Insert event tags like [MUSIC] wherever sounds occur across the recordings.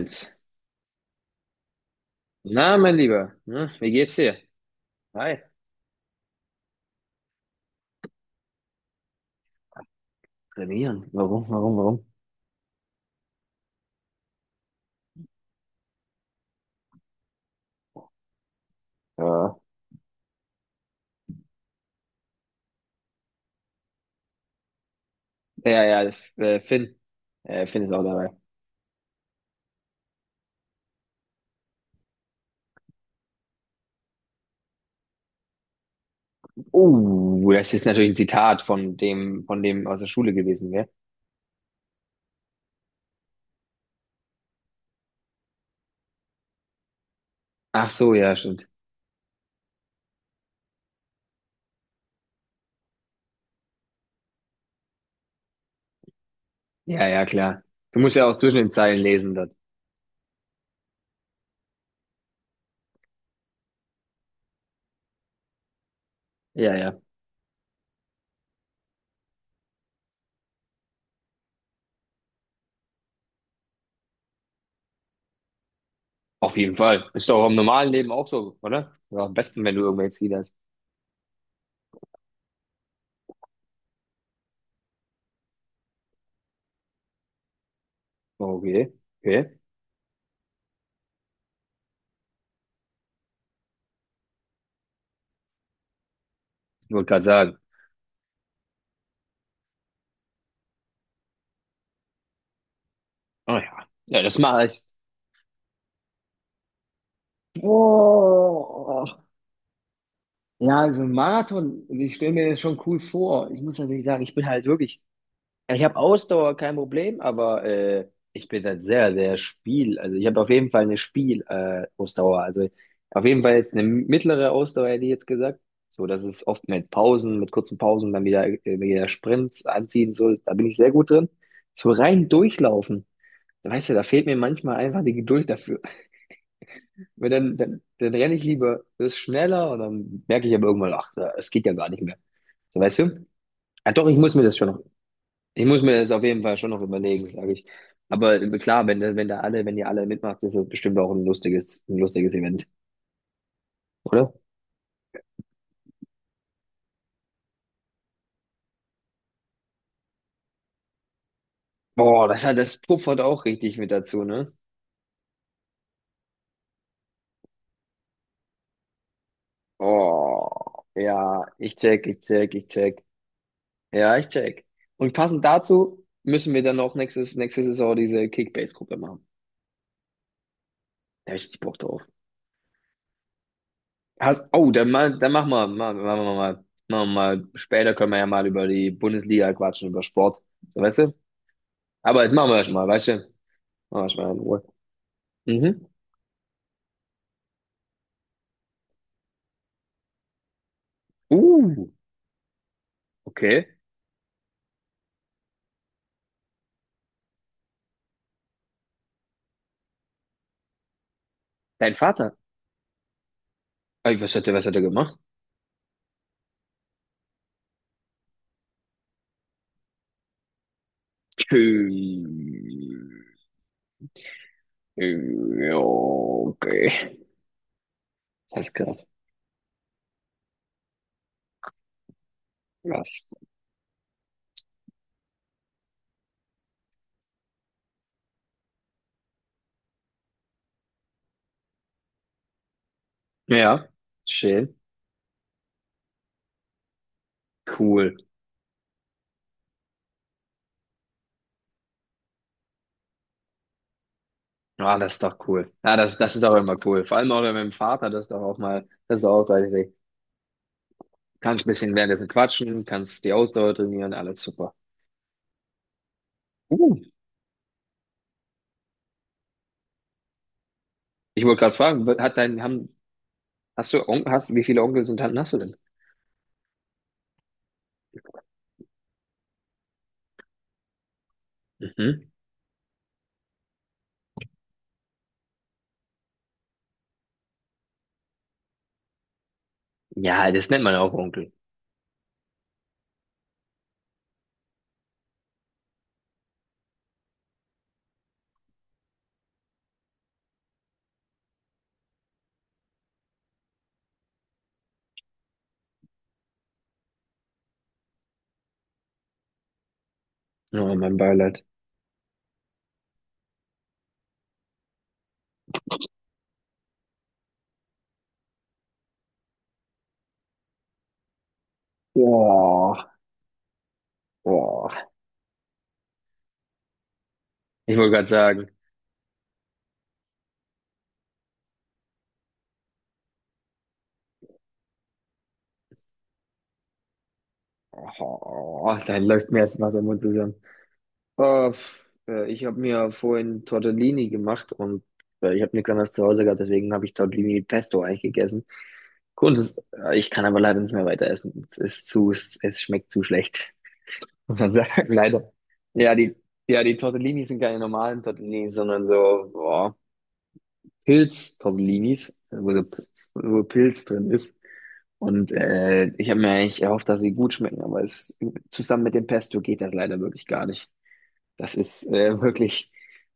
Eins. Na, mein Lieber, ne, wie geht's dir? Hi. Trainieren. Warum? Ja. Ja, ja, Finn. Finn ist auch dabei. Oh, das ist natürlich ein Zitat von dem aus der Schule gewesen, gell? Ach so, ja, stimmt. Ja, ja, klar. Du musst ja auch zwischen den Zeilen lesen dort. Ja, ja. Auf jeden Fall. Ist doch im normalen Leben auch so, oder? Oder am besten, wenn du irgendwelche Ziele hast. Oh, okay, okay. Ich wollte gerade sagen. Oh ja. Ja, das mache ich. Boah. Ja, so ein Marathon, ich stelle mir das schon cool vor. Ich muss natürlich sagen, ich bin halt wirklich, ja, ich habe Ausdauer, kein Problem, aber ich bin halt sehr, sehr Spiel. Also ich habe auf jeden Fall eine Spiel Ausdauer. Also auf jeden Fall jetzt eine mittlere Ausdauer, hätte ich jetzt gesagt. So, das ist oft mit Pausen, mit kurzen Pausen, dann wieder, wieder Sprints anziehen, so, da bin ich sehr gut drin. So rein durchlaufen, da weißt du, da fehlt mir manchmal einfach die Geduld dafür. Weil dann renne ich lieber, das ist schneller und dann merke ich aber irgendwann, ach, es geht ja gar nicht mehr. So, weißt du? Ja, doch, ich muss mir das auf jeden Fall schon noch überlegen, sage ich. Aber klar, wenn da alle, wenn ihr alle mitmacht, ist das bestimmt auch ein lustiges Event, oder? Boah, das puffert auch richtig mit dazu, ne? Oh, ja, ich check. Ja, ich check. Und passend dazu müssen wir dann auch nächste Saison diese Kickbase-Gruppe machen. Da hab ich richtig Bock drauf. Hast, oh, dann, mal, dann machen wir, machen wir mal, später können wir ja mal über die Bundesliga quatschen, über Sport. So, weißt du? Aber jetzt machen wir das mal, weißt du? Machen wir das mal in Ruhe. Mhm. Uh, okay. Dein Vater. Ey, was hat er gemacht? Ähm, Ja, okay. Das ist krass. Krass. Ja, schön. Cool. Ah, das ist doch cool. Ja, das ist auch immer cool. Vor allem auch mit dem Vater, das ist auch, kannst ein bisschen währenddessen quatschen, kannst die Ausdauer trainieren, alles super. Uh, ich wollte gerade fragen, hast du Onkel, hast, wie viele Onkels und Tanten hast du denn? Mhm. Ja, das nennt man auch Onkel. Oh, mein Beileid. Oh, oh. Ich wollte gerade sagen, oh, da läuft mir erst was im Mund zusammen. Oh, ich habe mir vorhin Tortellini gemacht und ich habe nichts anderes zu Hause gehabt, deswegen habe ich Tortellini mit Pesto eigentlich gegessen. Kunst ist, ich kann aber leider nicht mehr weiter essen. Es ist zu, es schmeckt zu schlecht. Muss man sagen, [LAUGHS] leider. Ja, die, ja, die Tortellinis sind keine normalen Tortellinis, sondern so, boah, Pilz-Tortellinis, wo Pilz drin ist. Und ich habe mir eigentlich erhofft, dass sie gut schmecken, aber es zusammen mit dem Pesto geht das leider wirklich gar nicht. Das ist [LAUGHS] wirklich,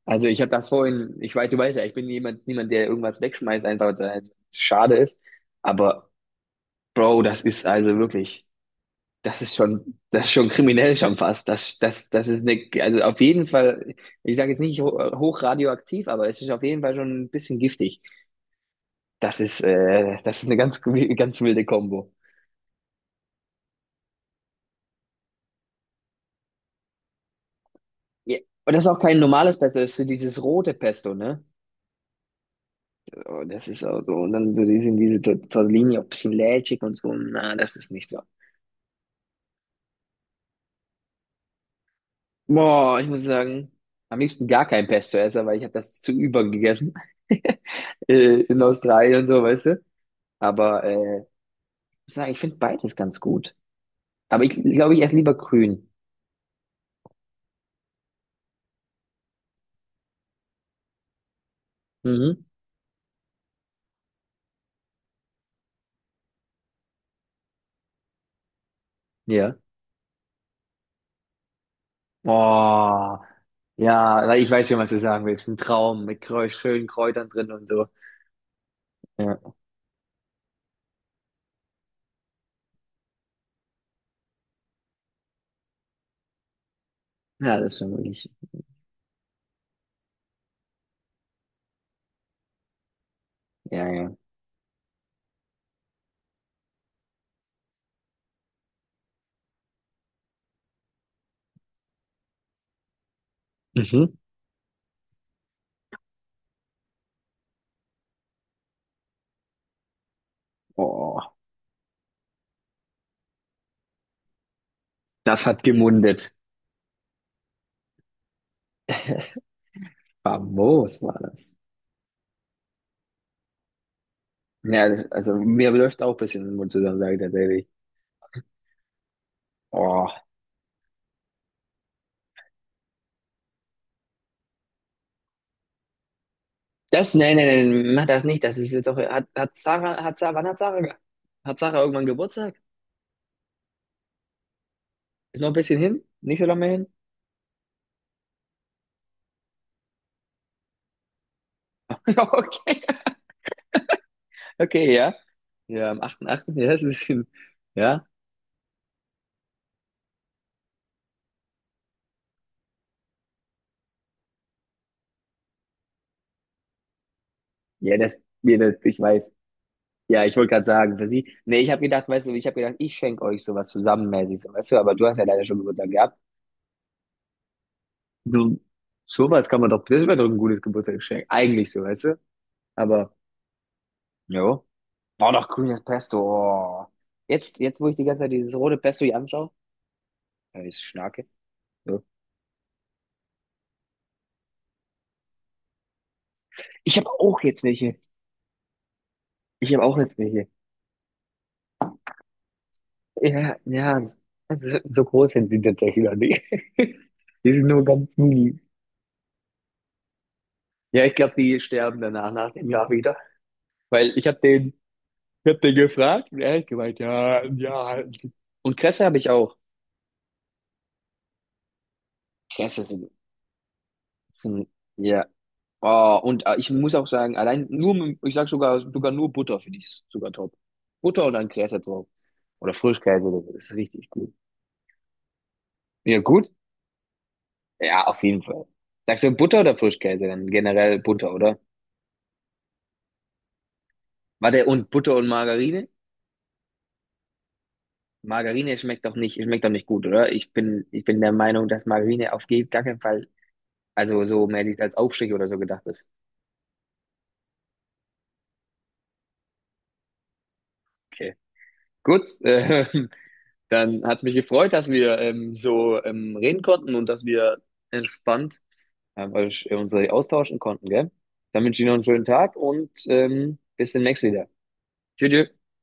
also ich habe das vorhin, ich weiß, du weißt ja, ich bin niemand, der irgendwas wegschmeißt, einfach weil es halt schade ist. Aber Bro, das ist also wirklich. Das ist schon kriminell schon fast. Das ist eine, also auf jeden Fall, ich sage jetzt nicht ho hoch radioaktiv, aber es ist auf jeden Fall schon ein bisschen giftig. Das ist eine ganz, [LAUGHS] ganz wilde Kombo. Ja. Und das ist auch kein normales Pesto, das ist so dieses rote Pesto, ne? Oh, das ist auch so. Und dann so diese Tortellini auch ein bisschen lätschig und so. Na, das ist nicht so. Boah, ich muss sagen, am liebsten gar kein Pesto-Esser, weil ich habe das zu über gegessen. [LAUGHS] In Australien und so, weißt du? Aber muss sagen, ich finde beides ganz gut. Aber ich glaube, ich esse lieber grün. Mhm. Ja. Oh, ja, weil ich weiß schon, was du sagen willst. Ein Traum mit Kräu schönen Kräutern drin und so. Ja, ja, das ist schon wirklich. Ja, ja. Mhm. Oh, das hat gemundet. [LAUGHS] Famos war das. Ja, das, also mir läuft auch ein bisschen den Mund zusammen, sage ich tatsächlich. Oh, das, mach das nicht. Das ist jetzt auch, hat, hat Sarah, wann hat Sarah, ge- hat Sarah irgendwann Geburtstag? Ist noch ein bisschen hin? Nicht so lange mehr hin? [LAUGHS] Okay. Okay, ja. Ja, am 8.8. [LAUGHS] Ja, ist ein bisschen. Ja. Ja, das, ich weiß. Ja, ich wollte gerade sagen, für sie. Nee, ich habe gedacht, ich schenke euch sowas zusammenmäßig, so, weißt du, aber du hast ja leider schon Geburtstag gehabt. Du, sowas kann man doch, das wäre doch ein gutes Geburtstagsgeschenk. Eigentlich so, weißt du? Aber, jo. Oh, noch grünes Pesto. Oh. Jetzt, wo ich die ganze Zeit dieses rote Pesto hier anschaue, ja, ich schnarke. So. Ich habe auch jetzt welche. Ich habe auch jetzt welche. Ja, ja, so, so groß sind sie tatsächlich noch nicht. [LAUGHS] Die sind nur ganz mini. Ja, ich glaube, die sterben danach, nach dem Jahr wieder. Weil ich habe den, ich hab den gefragt und er hat gemeint, ja, ja. Und Kresse habe ich auch. Kresse sind, sind ja. Oh, und ich muss auch sagen, ich sag sogar, sogar nur Butter finde ich ist sogar top. Butter und dann Kresse drauf. Oder Frischkäse oder so, das ist richtig gut. Ja, gut? Ja, auf jeden Fall. Sagst du Butter oder Frischkäse? Dann generell Butter, oder? Warte, und Butter und Margarine? Margarine schmeckt doch nicht gut, oder? Ich bin der Meinung, dass Margarine auf gar keinen Fall, also so mehr als Aufstrich oder so gedacht ist. Okay. Gut, [LAUGHS] dann hat's mich gefreut, dass wir so reden konnten und dass wir entspannt uns austauschen konnten, gell? Dann wünsche ich noch einen schönen Tag und bis demnächst wieder. Tschüss. Tschüss.